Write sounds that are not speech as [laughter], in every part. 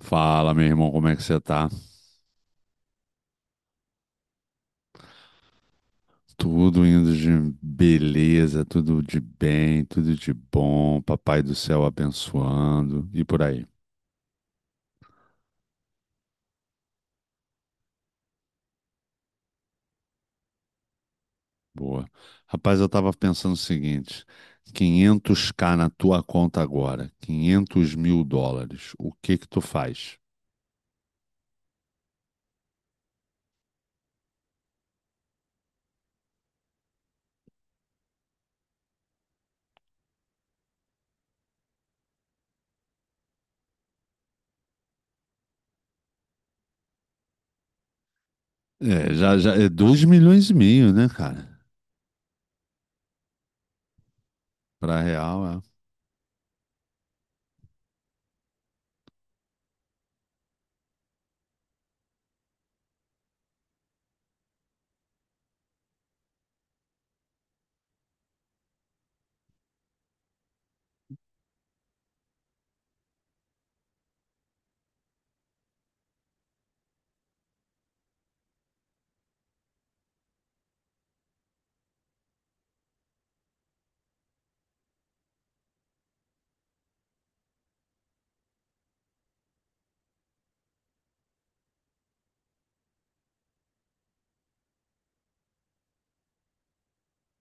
Fala, meu irmão, como é que você tá? Tudo indo de beleza, tudo de bem, tudo de bom, papai do céu abençoando e por aí. Boa. Rapaz, eu tava pensando o seguinte: quinhentos k na tua conta agora, US$ 500 mil, o que que tu faz? É, já, já, é 2,5 milhões, né, cara? Pra real, é.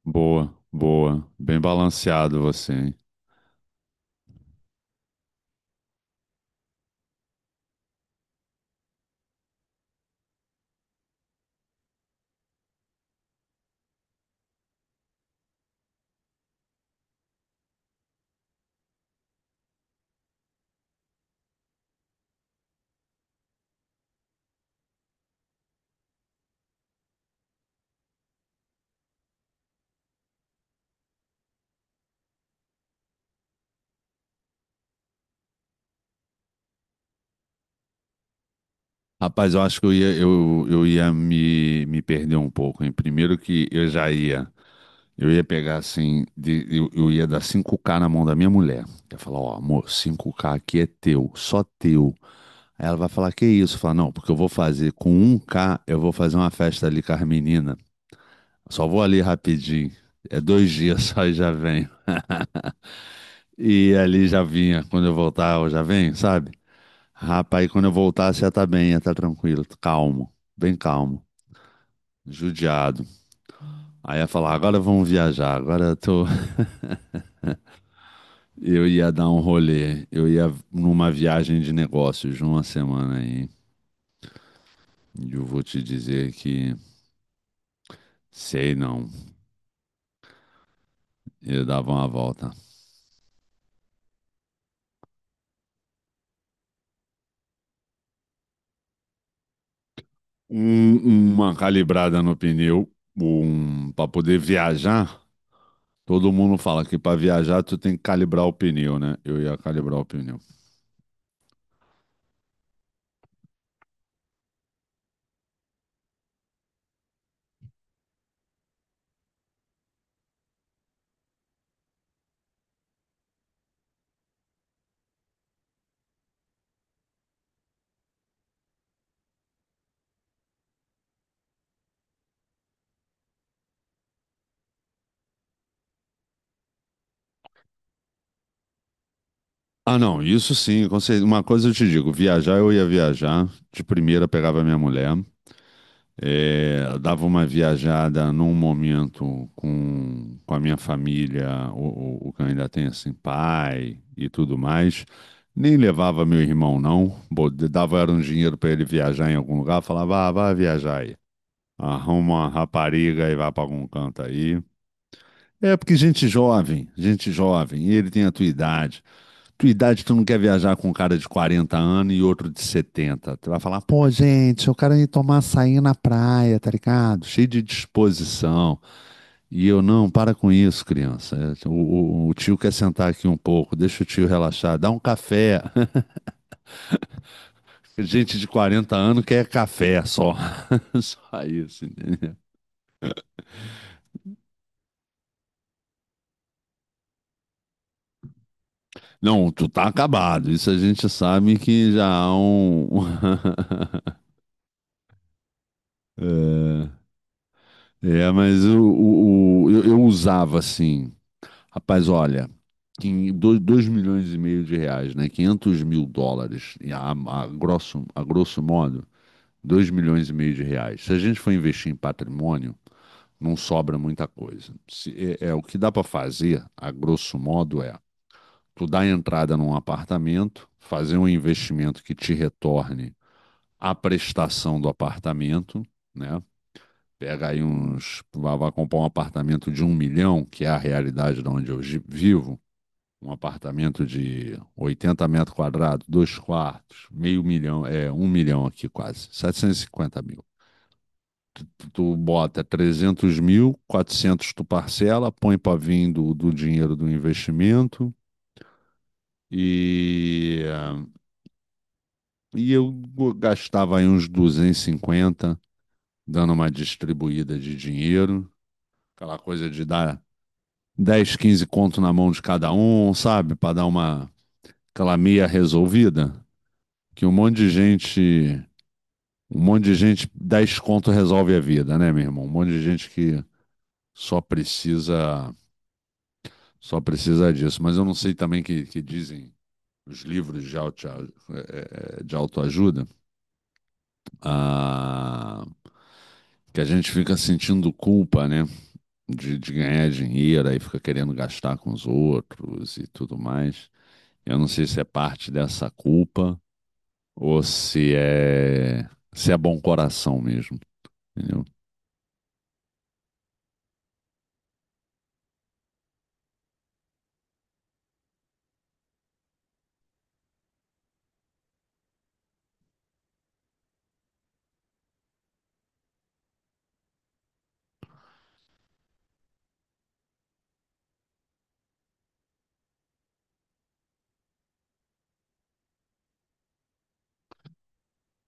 Boa, boa. Bem balanceado você, hein? Rapaz, eu acho que eu ia me perder um pouco, hein? Primeiro que eu já ia, eu ia pegar assim, eu ia dar 5k na mão da minha mulher. Eu ia falar, ó, amor, 5k aqui é teu, só teu. Aí ela vai falar, que isso? Falar, não, porque eu vou fazer com um k eu vou fazer uma festa ali com as meninas. Só vou ali rapidinho. É dois dias só e já venho. E ali já vinha, quando eu voltar, eu já venho, sabe? Rapaz, quando eu voltasse, já tá bem, já tá tranquilo, calmo, bem calmo. Judiado. Aí ia falar, agora vamos viajar, agora eu tô. [laughs] Eu ia dar um rolê, eu ia numa viagem de negócios de uma semana aí. E eu vou te dizer que sei não. Eu dava uma volta. Uma calibrada no pneu, para poder viajar. Todo mundo fala que para viajar tu tem que calibrar o pneu, né? Eu ia calibrar o pneu. Ah, não, isso sim, com certeza. Uma coisa eu te digo, viajar eu ia viajar. De primeira pegava minha mulher. É, dava uma viajada num momento com a minha família, o que eu ainda tem assim, pai e tudo mais. Nem levava meu irmão, não. Dava era um dinheiro para ele viajar em algum lugar. Falava, ah, vai viajar aí. Arruma uma rapariga e vai para algum canto aí. É porque gente jovem, e ele tem a tua idade, tu não quer viajar com um cara de 40 anos e outro de 70? Tu vai falar, pô, gente, eu quero ir tomar açaí na praia, tá ligado? Cheio de disposição. E eu, não, para com isso, criança. O tio quer sentar aqui um pouco, deixa o tio relaxar, dá um café. [laughs] Gente de 40 anos quer café só. [laughs] Só isso, entendeu? Não, tu tá acabado. Isso a gente sabe que já há um. [laughs] É, é, mas eu usava assim. Rapaz, olha, 2,5 milhões de reais, né? US$ 500 mil, e a grosso modo, 2,5 milhões de reais. Se a gente for investir em patrimônio, não sobra muita coisa. É, é, o que dá para fazer, a grosso modo, é tu dar entrada num apartamento, fazer um investimento que te retorne a prestação do apartamento, né? Pega aí uns. Vai comprar um apartamento de 1 milhão, que é a realidade de onde eu vivo um apartamento de 80 metros quadrados, dois quartos, meio milhão, é, 1 milhão aqui quase, 750 mil. Tu, tu bota 300 mil, 400 tu parcela, põe para vir do dinheiro do investimento e, e eu gastava aí uns 250 dando uma distribuída de dinheiro, aquela coisa de dar 10, 15 conto na mão de cada um, sabe? Para dar uma aquela meia resolvida que um monte de gente. Um monte de gente, 10 conto resolve a vida, né, meu irmão? Um monte de gente que só precisa, só precisa disso. Mas eu não sei também que dizem os livros de autoajuda, ah, que a gente fica sentindo culpa, né, de ganhar dinheiro, aí fica querendo gastar com os outros e tudo mais. Eu não sei se é parte dessa culpa ou se é bom coração mesmo, entendeu?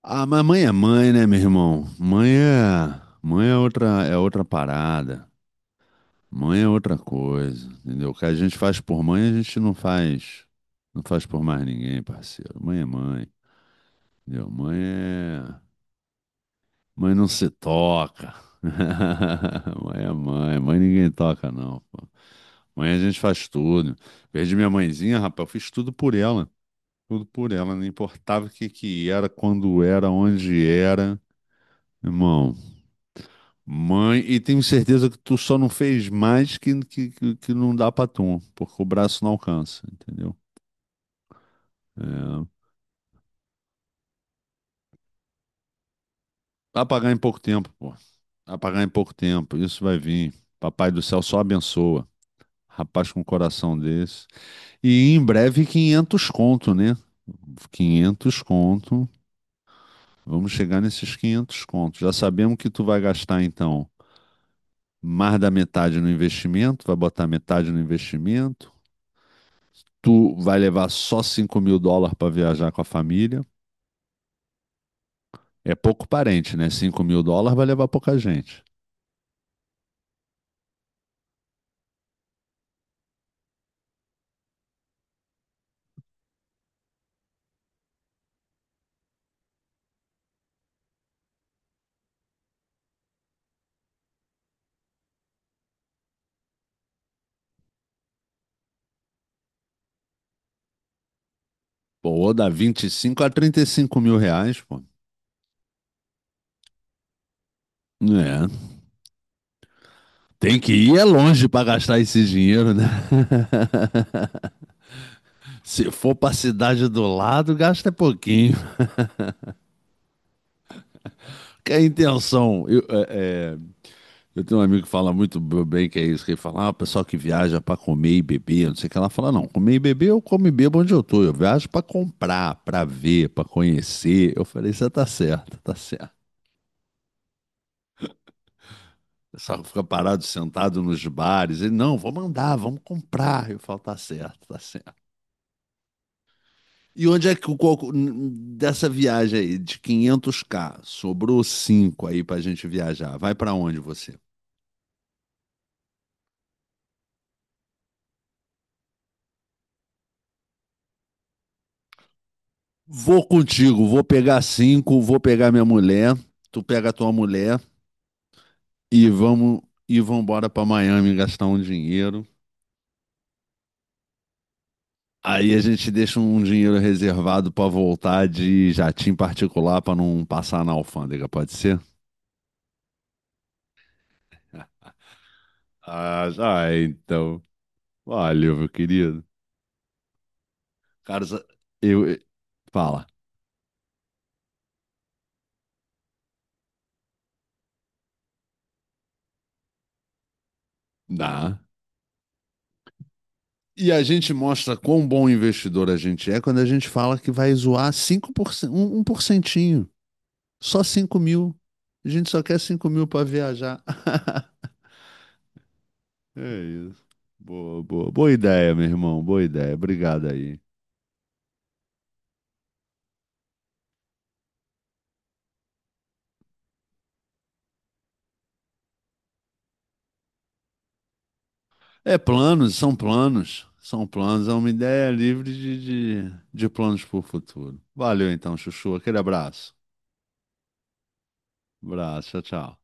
Ah, mas mãe é mãe, né, meu irmão? Mãe é outra parada. Mãe é outra coisa, entendeu? O que a gente faz por mãe, a gente não faz, não faz por mais ninguém, parceiro. Mãe é mãe, entendeu? Mãe é, mãe não se toca. [laughs] Mãe é mãe, mãe ninguém toca não, pô. Mãe a gente faz tudo. Perdi minha mãezinha, rapaz, eu fiz tudo por ela, não importava o que que era, quando era, onde era. Irmão, mãe, e tenho certeza que tu só não fez mais que não dá pra tu, porque o braço não alcança, entendeu? É. Vai pagar em pouco tempo, pô. Vai pagar em pouco tempo, isso vai vir. Papai do céu só abençoa. Rapaz com um coração desse. E em breve 500 conto, né? 500 conto. Vamos chegar nesses 500 conto. Já sabemos que tu vai gastar, então, mais da metade no investimento, vai botar metade no investimento. Tu vai levar só US$ 5 mil para viajar com a família. É pouco parente, né? US$ 5 mil vai levar pouca gente. Pô, ou dá 25 a 35 mil reais, pô. É, tem que ir é longe para gastar esse dinheiro, né? [laughs] Se for para a cidade do lado, gasta pouquinho. Que a intenção, eu, é, eu tenho um amigo que fala muito bem que é isso, que ele fala, ah, o pessoal que viaja para comer e beber, não sei o que, ela fala, não, comer e beber eu como e bebo onde eu tô, eu viajo para comprar, para ver, para conhecer. Eu falei, você tá certo, tá certo. O pessoal fica parado, sentado nos bares, ele, não, vamos andar, vamos comprar. Eu falo, tá certo, tá certo. E onde é que o coco, dessa viagem aí, de quinhentos k sobrou 5 aí pra gente viajar, vai para onde você? Vou contigo, vou pegar cinco, vou pegar minha mulher, tu pega a tua mulher e vamos embora para Miami gastar um dinheiro. Aí a gente deixa um dinheiro reservado para voltar de jatinho particular para não passar na alfândega, pode ser? Ah, já é, então. Valeu, meu querido. Cara, eu eu- fala. Dá. E a gente mostra quão bom investidor a gente é quando a gente fala que vai zoar 5%, um por 1%. Só cinco mil. A gente só quer 5 mil para viajar. [laughs] É isso. Boa, boa. Boa ideia, meu irmão. Boa ideia. Obrigado aí. É planos, são planos. São planos, é uma ideia livre de planos para o futuro. Valeu então, Chuchu. Aquele abraço. Abraço, tchau, tchau.